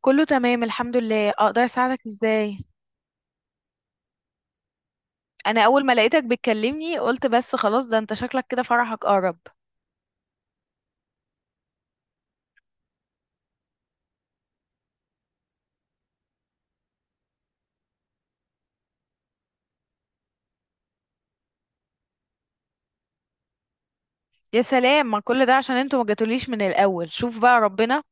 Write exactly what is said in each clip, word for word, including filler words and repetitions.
كله تمام، الحمد لله. اقدر اساعدك ازاي؟ انا اول ما لقيتك بتكلمني قلت بس خلاص ده انت شكلك كده فرحك قرب. يا سلام، ما كل ده عشان انتوا ما جاتوليش من الاول. شوف بقى ربنا.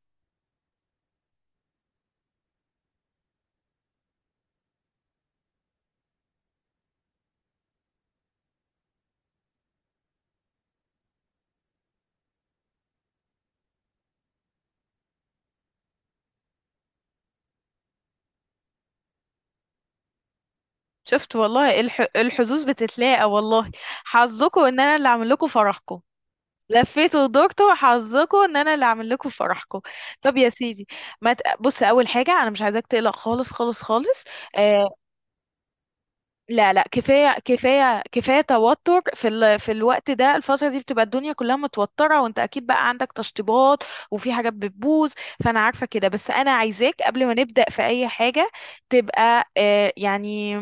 شفت والله الح... الحظوظ بتتلاقى والله. حظكم ان انا اللي اعمل لكم فرحكم. لفيتوا ودورتوا، حظكم ان انا اللي اعمل لكم فرحكم. طب يا سيدي. ما ت... بص، اول حاجه انا مش عايزاك تقلق خالص خالص خالص. آه، لا لا، كفايه كفايه كفايه توتر، في ال... في الوقت ده. الفتره دي بتبقى الدنيا كلها متوتره، وانت اكيد بقى عندك تشطيبات وفي حاجات بتبوظ. فانا عارفه كده، بس انا عايزاك قبل ما نبدا في اي حاجه تبقى آه يعني،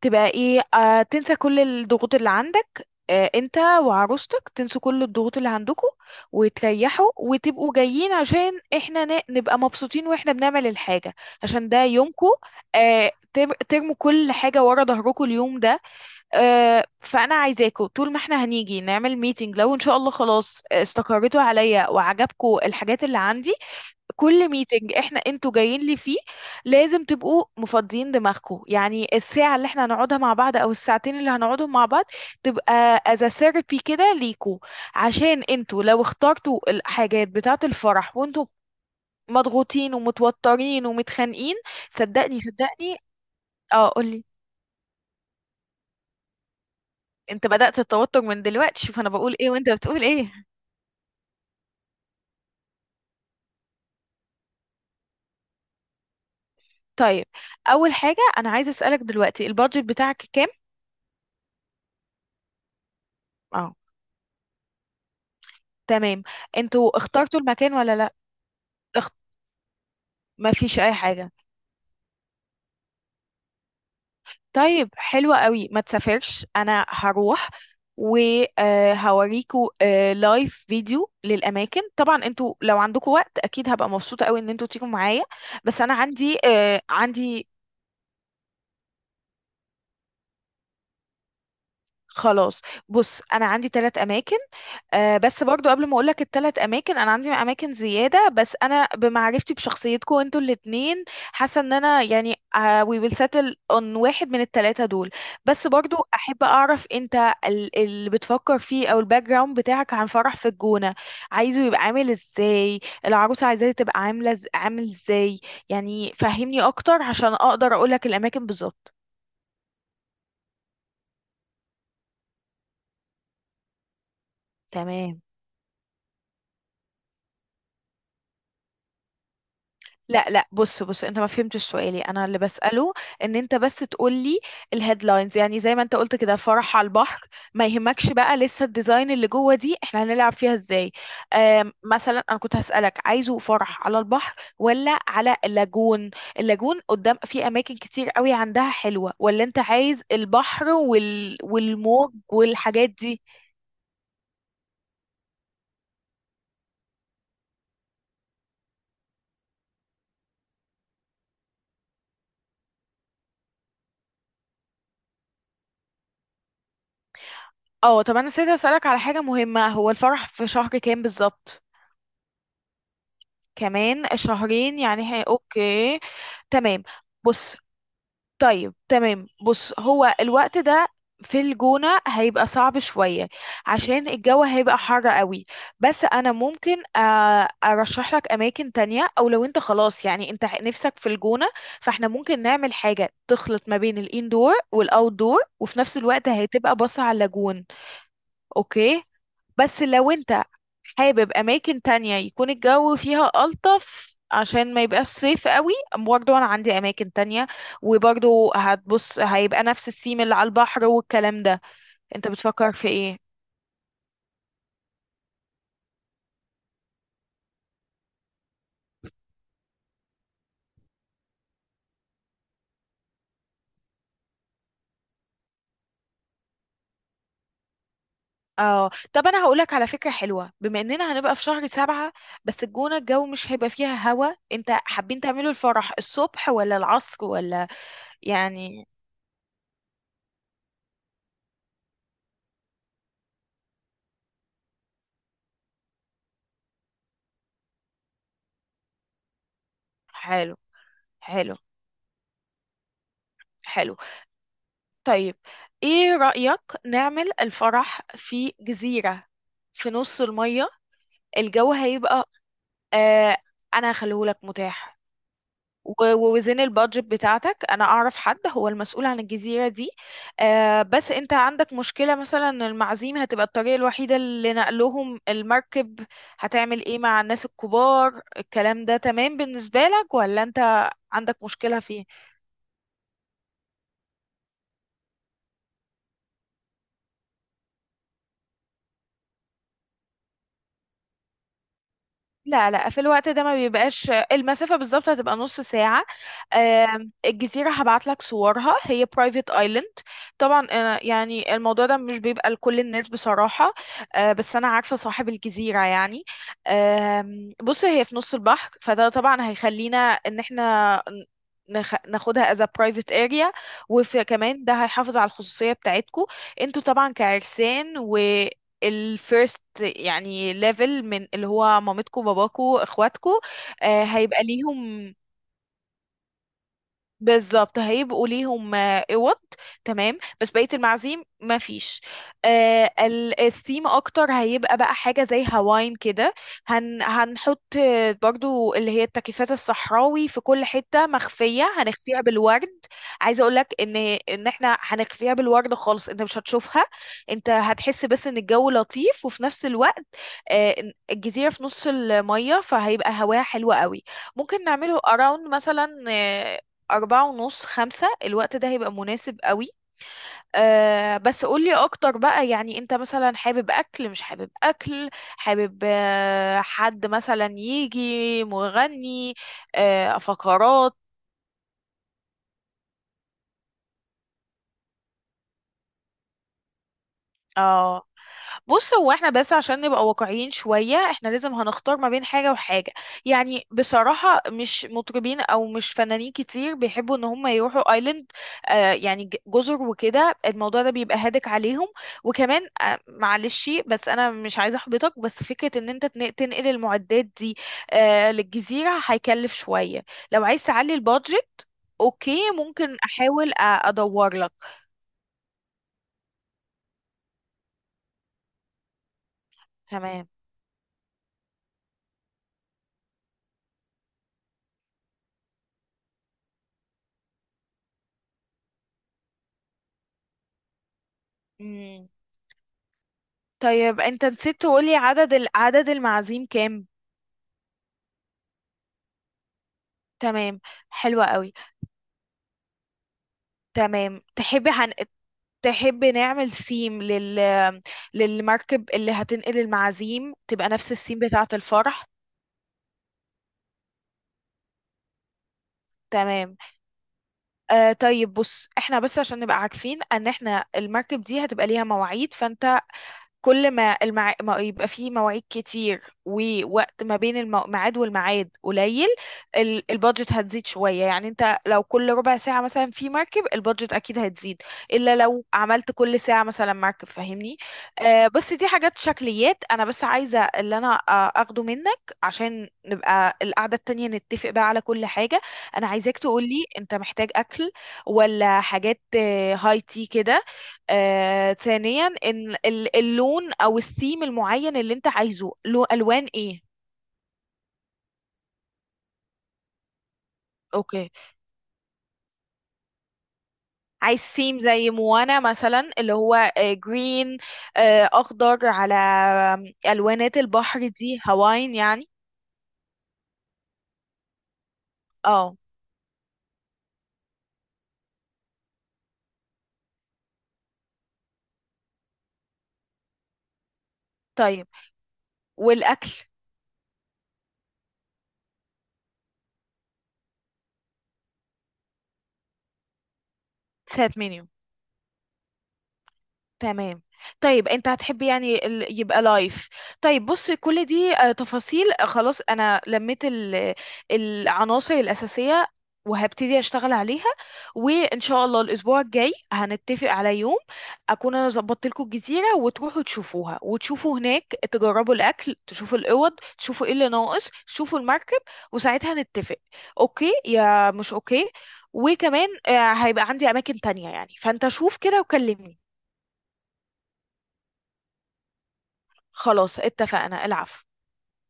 تبقى ايه، آه تنسى كل الضغوط اللي عندك، آه انت وعروستك تنسوا كل الضغوط اللي عندكم، وتريحوا وتبقوا جايين عشان احنا ن- نبقى مبسوطين واحنا بنعمل الحاجة، عشان ده يومكم. آه تر- ترموا كل حاجة ورا ظهركم اليوم ده. آه فأنا عايزاكم، طول ما احنا هنيجي نعمل ميتنج، لو ان شاء الله خلاص استقريتوا عليا وعجبكم الحاجات اللي عندي، كل ميتنج احنا انتوا جايين لي فيه لازم تبقوا مفضيين دماغكم. يعني الساعة اللي احنا هنقعدها مع بعض او الساعتين اللي هنقعدهم مع بعض تبقى as a therapy كده ليكوا. عشان انتوا لو اخترتوا الحاجات بتاعة الفرح وانتوا مضغوطين ومتوترين ومتخانقين. صدقني صدقني. اه، قولي. انت بدأت التوتر من دلوقتي، شوف انا بقول ايه وانت بتقول ايه. طيب، اول حاجة انا عايزة اسألك دلوقتي، البادجت بتاعك كام؟ اه، تمام. انتوا اخترتوا المكان ولا؟ لا. ما فيش اي حاجه. طيب، حلوة قوي، ما تسافرش، انا هروح وهوريكوا لايف فيديو للاماكن. طبعا انتوا لو عندكم وقت اكيد هبقى مبسوطه قوي ان انتوا تيجوا معايا. بس انا عندي آه، عندي خلاص. بص، انا عندي ثلاث اماكن. آه، بس برضو قبل ما اقولك التلات اماكن، انا عندي اماكن زياده، بس انا بمعرفتي بشخصيتكم انتوا الاتنين حاسه ان انا يعني، آه، we will settle on واحد من التلاته دول. بس برضو احب اعرف انت ال- اللي بتفكر فيه او الباك جراوند بتاعك عن فرح في الجونه. عايزه يبقى عامل ازاي؟ العروسه عايزاه تبقى عامله إز- عامل ازاي؟ يعني فهمني اكتر عشان اقدر اقولك الاماكن بالظبط. تمام. لا لا، بص بص، انت ما فهمتش سؤالي انا اللي بسأله. ان انت بس تقولي الهيدلاينز، يعني زي ما انت قلت كده، فرح على البحر. ما يهمكش بقى لسه الديزاين اللي جوه دي احنا هنلعب فيها ازاي. آم، مثلا انا كنت هسألك، عايزه فرح على البحر ولا على اللاجون؟ اللاجون قدام في اماكن كتير قوي عندها حلوة، ولا انت عايز البحر وال... والموج والحاجات دي؟ اه، طب انا نسيت اسألك على حاجة مهمة، هو الفرح في شهر كام بالظبط؟ كمان شهرين، يعني هي، اوكي. تمام. بص، طيب تمام، بص، هو الوقت ده في الجونة هيبقى صعب شوية، عشان الجو هيبقى حر قوي. بس انا ممكن آه، ارشح لك اماكن تانية، او لو انت خلاص يعني انت نفسك في الجونة، فاحنا ممكن نعمل حاجة تخلط ما بين الاندور والاوتدور، وفي نفس الوقت هتبقى باصة على اللاجون. اوكي. بس لو انت حابب اماكن تانية يكون الجو فيها الطف عشان ما يبقاش صيف قوي، برضو انا عندي اماكن تانية، وبرضو هتبص هيبقى نفس الثيم اللي على البحر والكلام ده. انت بتفكر في ايه؟ اه، طب انا هقولك على فكرة حلوة، بما اننا هنبقى في شهر سبعة، بس الجونة الجو مش هيبقى فيها هوا. انت حابين تعملوا الفرح الصبح ولا العصر ولا؟ يعني، حلو. حلو. حلو. طيب، ايه رأيك نعمل الفرح في جزيرة في نص المية؟ الجو هيبقى... آه، انا هخليهولك متاح. و- ووزن البادجت بتاعتك، انا اعرف حد هو المسؤول عن الجزيرة دي. آه بس انت عندك مشكلة مثلا إن المعازيم هتبقى الطريقة الوحيدة اللي نقلهم المركب؟ هتعمل ايه مع الناس الكبار الكلام ده؟ تمام بالنسبة لك ولا انت عندك مشكلة فيها؟ لا لا، في الوقت ده ما بيبقاش. المسافة بالظبط هتبقى نص ساعة. آم، الجزيرة هبعت لك صورها، هي برايفت ايلاند. طبعا آه، يعني الموضوع ده مش بيبقى لكل الناس بصراحة. آه، بس أنا عارفة صاحب الجزيرة، يعني آم، بص هي في نص البحر، فده طبعا هيخلينا إن احنا نخ... ناخدها as a private area، وكمان ده هيحافظ على الخصوصية بتاعتكو. انتوا طبعا كعرسان، الفيرست يعني ليفل من اللي هو مامتكو باباكو اخواتكو، آه، هيبقى ليهم. بالظبط هيبقوا ليهم آه، اوض. تمام، بس بقيه المعازيم ما فيش. آه ال- الثيم اكتر هيبقى بقى حاجه زي هواين كده. هن هنحط آه، برضو اللي هي التكييفات الصحراوي في كل حته مخفيه هنخفيها بالورد. عايزه اقول لك ان ان احنا هنخفيها بالورد خالص، انت مش هتشوفها. انت هتحس بس ان الجو لطيف، وفي نفس الوقت آه، الجزيره في نص الميه فهيبقى هواها حلو قوي. ممكن نعمله اراوند مثلا آه، أربعة ونص خمسة، الوقت ده هيبقى مناسب قوي. أه، بس قولي أكتر بقى، يعني أنت مثلا حابب أكل مش حابب أكل؟ حابب آه، حد مثلا يجي مغني؟ أه، فقرات؟ اه، بص، هو احنا بس عشان نبقى واقعيين شوية احنا لازم هنختار ما بين حاجة وحاجة. يعني بصراحة مش مطربين او مش فنانين كتير بيحبوا ان هم يروحوا ايلاند، آه يعني ج- جزر وكده، الموضوع ده بيبقى هادك عليهم. وكمان آه معلش، بس انا مش عايزة احبطك، بس فكرة ان انت تن- تنقل المعدات دي آه للجزيرة هيكلف شوية. لو عايز تعلي البادجت اوكي، ممكن احاول أ- ادور لك. تمام. طيب، انت نسيت تقولي عدد ال... عدد المعازيم كام؟ تمام، حلوة قوي. تمام، تحبي هن... تحبي نعمل سيم لل... للمركب اللي هتنقل المعازيم، تبقى نفس السيم بتاعة الفرح؟ تمام. آه طيب، بص احنا بس عشان نبقى عارفين ان احنا المركب دي هتبقى ليها مواعيد، فانت كل ما المع... ما يبقى فيه مواعيد كتير ووقت ما بين الميعاد والميعاد قليل، ال... البادجت هتزيد شوية. يعني انت لو كل ربع ساعة مثلا في مركب البادجت اكيد هتزيد، الا لو عملت كل ساعة مثلا مركب، فاهمني. آه بس دي حاجات شكليات، انا بس عايزة اللي انا آه، اخده منك عشان نبقى القعدة التانية نتفق بقى على كل حاجة. انا عايزاك تقولي، انت محتاج اكل ولا حاجات آه، هاي تي كده؟ آه، ثانيا، ان ال- اللون او الثيم المعين اللي انت عايزه له الوان ايه؟ اوكي. عايز ثيم زي موانا مثلا اللي هو جرين، اخضر على آم، الوانات البحر دي، هواين يعني؟ اه، طيب، والاكل؟ سات منيو، تمام. طيب انت هتحب يعني ال- يبقى لايف؟ طيب بص كل دي آه، تفاصيل. آه، خلاص انا لميت ال- العناصر الأساسية وهبتدي اشتغل عليها، وان شاء الله الاسبوع الجاي هنتفق على يوم اكون انا ظبطت لكم الجزيره، وتروحوا تشوفوها وتشوفوا هناك، تجربوا الاكل، تشوفوا الاوض، تشوفوا ايه اللي ناقص، تشوفوا المركب، وساعتها نتفق اوكي يا مش اوكي. وكمان آه، هيبقى عندي اماكن تانية، يعني فانت شوف كده وكلمني. خلاص اتفقنا. العفو.